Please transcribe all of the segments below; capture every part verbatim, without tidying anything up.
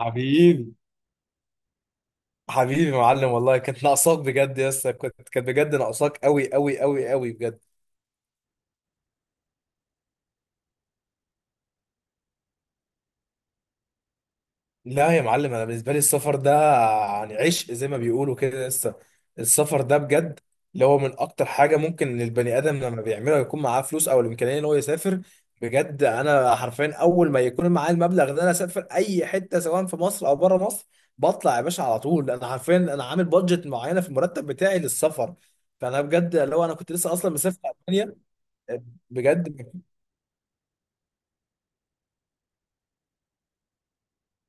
حبيبي حبيبي يا معلم، والله كانت ناقصاك بجد يا اسطى. كنت كانت بجد ناقصاك قوي قوي قوي قوي بجد. لا يا معلم، انا بالنسبه لي السفر ده يعني عشق زي ما بيقولوا كده. لسه السفر ده بجد اللي هو من اكتر حاجه ممكن البني ادم لما بيعملها يكون معاه فلوس او الامكانيه ان هو يسافر. بجد انا حرفيا اول ما يكون معايا المبلغ ده انا اسافر اي حته سواء في مصر او بره مصر. بطلع يا باشا على طول. انا حرفيا انا عامل بادجت معينه في المرتب بتاعي للسفر. فانا بجد اللي هو انا كنت لسه اصلا مسافر المانيا. بجد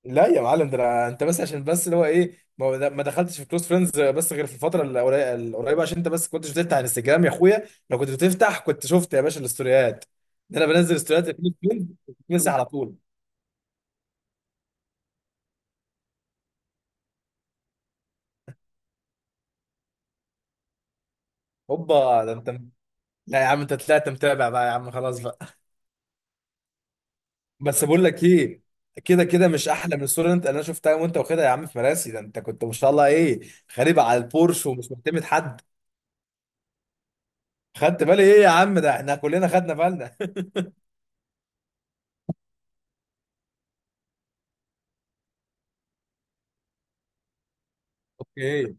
لا يا معلم، ده أنا- انت بس عشان بس اللي هو ايه ما ما دخلتش في كلوز فريندز بس غير في الفتره القري- القريبه عشان انت بس كنتش بتفتح انستجرام يا اخويا. لو كنت بتفتح كنت شفت يا باشا الاستوريات. ده انا بنزل استوريات الكلوز فريندز بتنسى على طول. هوبا ده انت. لا يا عم انت طلعت متابع بقى يا عم، خلاص بقى. بس بقول لك ايه، كده كده مش احلى من الصوره اللي انت اللي انا شفتها وانت واخدها يا عم في مراسي. ده انت كنت ما شاء الله ايه، غريب على البورش ومش معتمد حد. خدت بالي ايه يا عم، ده احنا كلنا خدنا بالنا. اوكي.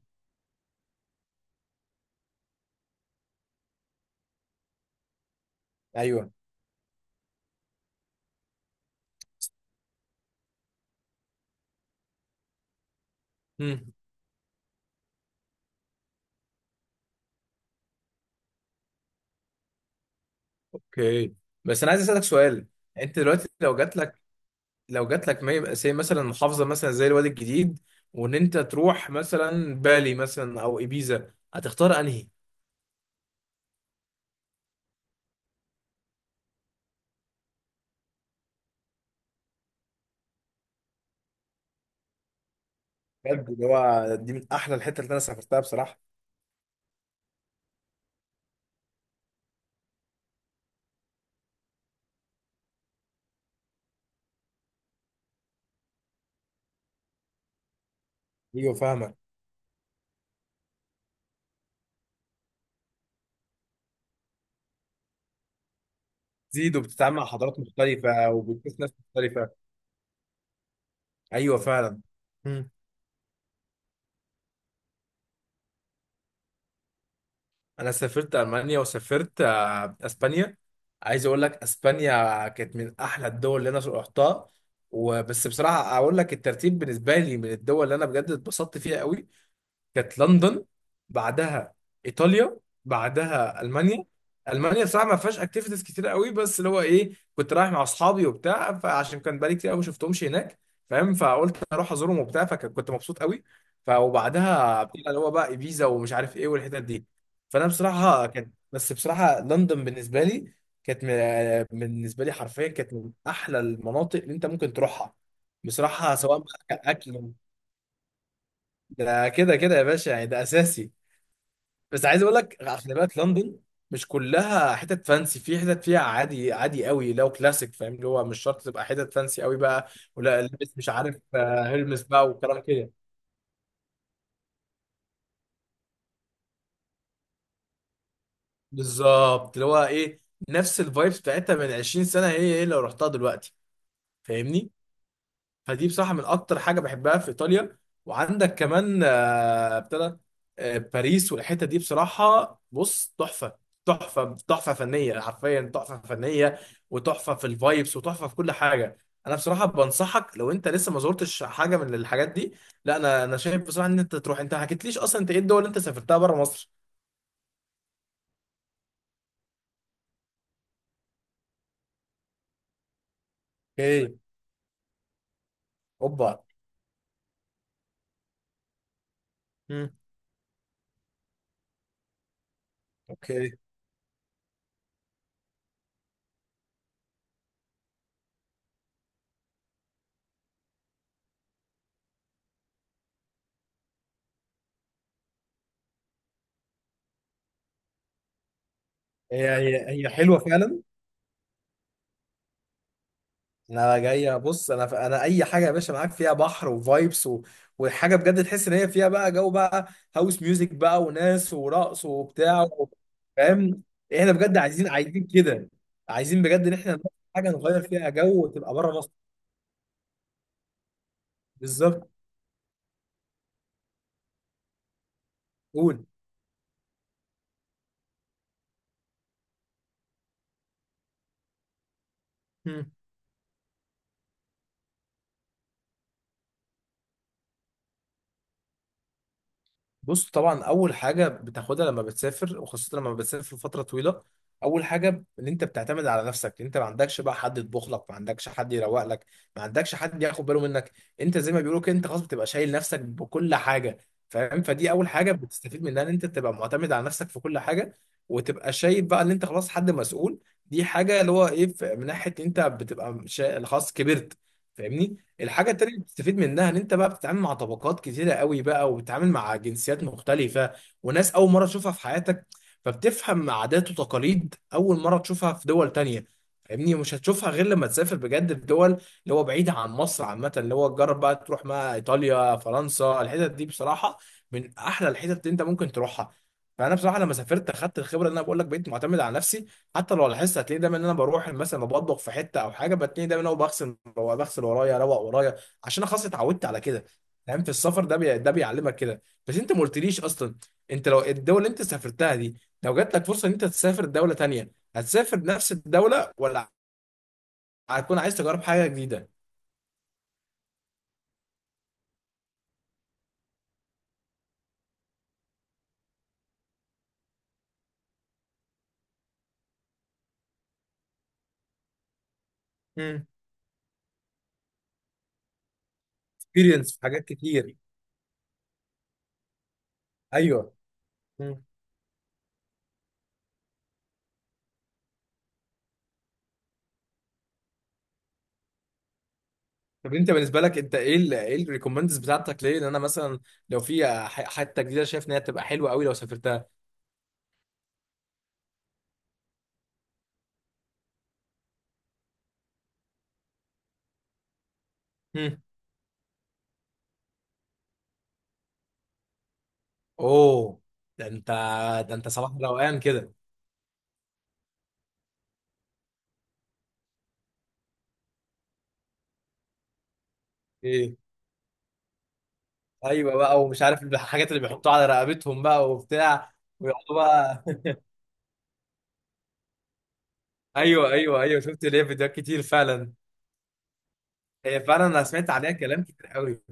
ايوه. مم. اوكي. بس انا عايز اسالك سؤال. انت دلوقتي لو جات لك، لو جات لك ما يبقى زي مثلا محافظه مثلا زي الوادي الجديد، وان انت تروح مثلا بالي مثلا او ابيزا، هتختار انهي؟ بجد اللي هو دي من احلى الحتت اللي انا سافرتها بصراحه. ايوه فاهمك. تزيد وبتتعامل مع حضارات مختلفه وبتشوف ناس مختلفه. ايوه فعلا. انا سافرت المانيا، وسافرت آه، اسبانيا. عايز اقول لك اسبانيا كانت من احلى الدول اللي انا رحتها. وبس بصراحه اقول لك الترتيب بالنسبه لي من الدول اللي انا بجد اتبسطت فيها قوي، كانت لندن، بعدها ايطاليا، بعدها المانيا. المانيا بصراحه ما فيهاش اكتيفيتيز كتير قوي، بس اللي هو ايه، كنت رايح مع اصحابي وبتاع، فعشان كان بقالي كتير قوي ما شفتهمش هناك، فاهم؟ فقلت اروح ازورهم وبتاع، فكنت مبسوط قوي. ف وبعدها بتاع اللي هو بقى ايبيزا ومش عارف ايه والحتت دي. فانا بصراحه كان، بس بصراحه لندن بالنسبه لي كانت، م- بالنسبه لي حرفيا كانت من احلى المناطق اللي انت ممكن تروحها بصراحه، سواء بقى كاكل. ده كده كده يا باشا يعني ده اساسي. بس عايز اقول لك، خلي بالك لندن مش كلها حتت فانسي، في حتت فيها عادي عادي قوي لو كلاسيك. فاهم اللي هو مش شرط تبقى حتت فانسي قوي بقى، ولا لابس مش عارف آه، هيرمس بقى والكلام كده. بالظبط اللي هو ايه، نفس الفايبس بتاعتها من عشرين سنة سنه هي هي لو رحتها دلوقتي. فاهمني؟ فدي بصراحة من أكتر حاجة بحبها في إيطاليا. وعندك كمان آه، ابتدى آه، باريس والحتة دي بصراحة بص تحفة. تحفة تحفة فنية حرفيا تحفة فنية. وتحفة في الفايبس وتحفة في كل حاجة. أنا بصراحة بنصحك لو أنت لسه ما زرتش حاجة من الحاجات دي. لا أنا أنا شايف بصراحة إن أنت تروح. أنت ما حكيتليش أصلا أنت إيه الدول اللي أنت سافرتها بره مصر؟ اوكي. أوبا. مم. اوكي. هي هي هي حلوة فعلا. انا جاي. بص انا ف... انا اي حاجه يا باشا معاك فيها بحر وفايبس و... وحاجه بجد تحس ان هي فيها بقى جو بقى، هاوس ميوزك بقى وناس ورقص وبتاع و... فاهم؟ احنا بجد عايزين عايزين كده، عايزين بجد ان احنا نروح حاجه نغير فيها جو وتبقى بره مصر. بالظبط. قول. بص طبعا اول حاجه بتاخدها لما بتسافر، وخاصه لما بتسافر فتره طويله، اول حاجه ان انت بتعتمد على نفسك. انت ما عندكش بقى حد يطبخ لك، ما عندكش حد يروق لك، ما عندكش حد ياخد باله منك. انت زي ما بيقولوا كده، انت خلاص بتبقى شايل نفسك بكل حاجه. فاهم؟ فدي اول حاجه بتستفيد منها، ان انت تبقى معتمد على نفسك في كل حاجه. وتبقى شايف بقى ان انت خلاص حد مسؤول. دي حاجه اللي هو ايه ف- من ناحيه انت بتبقى شا- خلاص كبرت. فاهمني؟ الحاجة التانية اللي بتستفيد منها ان انت بقى بتتعامل مع طبقات كتيرة قوي بقى، وبتتعامل مع جنسيات مختلفة وناس اول مرة تشوفها في حياتك. فبتفهم عادات وتقاليد اول مرة تشوفها في دول تانية. فاهمني؟ مش هتشوفها غير لما تسافر بجد في دول اللي هو بعيدة عن مصر عامة. اللي هو تجرب بقى تروح ما ايطاليا فرنسا، الحتت دي بصراحة من احلى الحتت اللي انت ممكن تروحها. فانا بصراحة لما سافرت اخدت الخبرة اللي انا بقول لك، بقيت معتمد على نفسي. حتى لو لاحظت هتلاقيه دايما ان انا بروح مثلا بطبخ في حته او حاجه، بتلاقي دايما انا بغسل بغسل ورايا، اروق ورايا، عشان انا خلاص اتعودت على كده. فاهم؟ في السفر ده بي... ده بيعلمك كده. بس انت ما قلتليش اصلا انت لو الدول اللي انت سافرتها دي، لو جات لك فرصه ان انت تسافر دوله تانية، هتسافر نفس الدوله ولا هتكون عايز تجرب حاجه جديده؟ مم. اكسبيرينس في حاجات كتير. ايوه. مم. طب انت بالنسبه لك، انت ايه ال ايه الريكومندز بتاعتك ليه، ان انا مثلا لو في ح- حته جديده شايف ان هي تبقى حلوه قوي لو سافرتها؟ اوه، ده انت، ده انت صباح روقان كده. ايه؟ ايوه بقى، ومش عارف الحاجات اللي بيحطوها على رقبتهم بقى وبتاع، ويقعدوا بقى. ايوه ايوه ايوه، شفت ليه فيديوهات كتير فعلا. هي فعلا انا سمعت عليها كلام كتير قوي.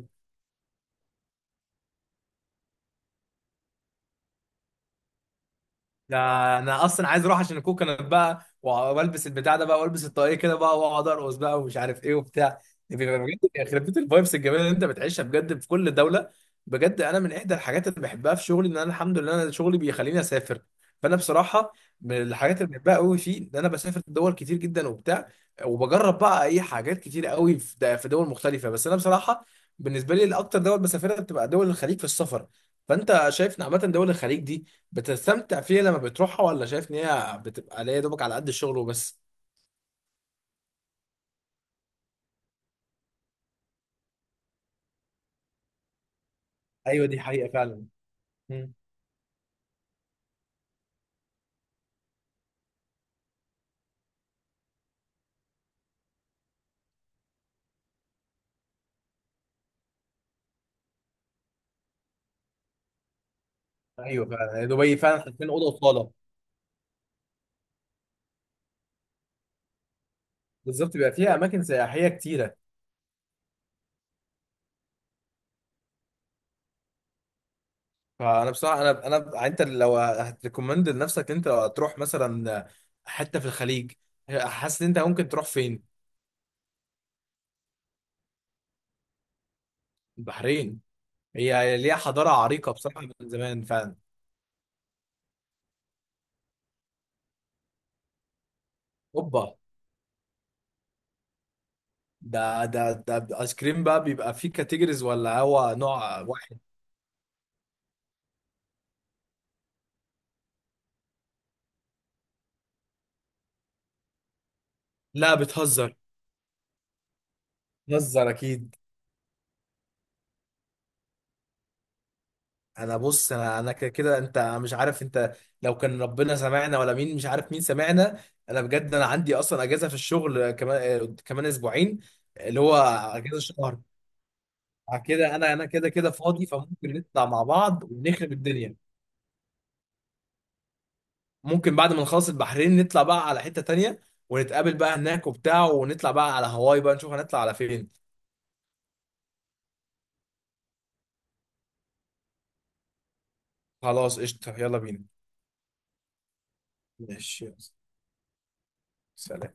ده انا اصلا عايز اروح عشان الكوكونات بقى، وأ- والبس البتاع ده بقى، والبس الطاقية كده بقى، واقعد ارقص بقى، ومش عارف ايه وبتاع. بيبقى بجد يخرب بيت الفايبس الجميله اللي انت بتعيشها بجد في كل دوله. بجد انا من احدى الحاجات اللي بحبها في شغلي ان انا، الحمد لله، انا شغلي بيخليني اسافر. فانا بصراحه من الحاجات اللي بحبها قوي فيه ان انا بسافر دول كتير جدا وبتاع. وبجرب بقى اي حاجات كتير قوي في د- في دول مختلفه. بس انا بصراحه بالنسبه لي الاكتر دول بسافرها بتبقى دول الخليج في السفر. فانت شايف ان عامه دول الخليج دي بتستمتع فيها لما بتروحها، ولا شايف ان هي بتبقى ليا دوبك على قد الشغل وبس؟ ايوه دي حقيقه فعلا. مم. ايوه فعلا يعني دبي فعلا حاطين اوضه وصاله. بالظبط، بيبقى فيها اماكن سياحيه كتيره. فانا بصراحه انا انا يعني، انت لو هتريكومند لنفسك انت تروح مثلا حته في الخليج، حاسس ان انت ممكن تروح فين؟ البحرين، هي ليها حضاره عريقه بصراحه من زمان فعلا. اوبا، ده ده ده ايس كريم بقى بيبقى فيه كاتيجوريز ولا هو نوع واحد؟ لا بتهزر، بتهزر اكيد. انا بص انا انا كده كده انت مش عارف، انت لو كان ربنا سمعنا ولا مين مش عارف مين سمعنا. انا بجد انا عندي اصلا اجازه في الشغل كمان آه، كمان اسبوعين. اللي هو اجازه شهر. بعد كده انا انا كده كده فاضي، فممكن نطلع مع بعض ونخرب الدنيا. ممكن بعد ما نخلص البحرين نطلع بقى على حته تانية، ونتقابل بقى هناك وبتاع، ونطلع بقى على هواي بقى، نشوف هنطلع على فين. خلاص قشطه، يلا بينا. ماشي. سلام.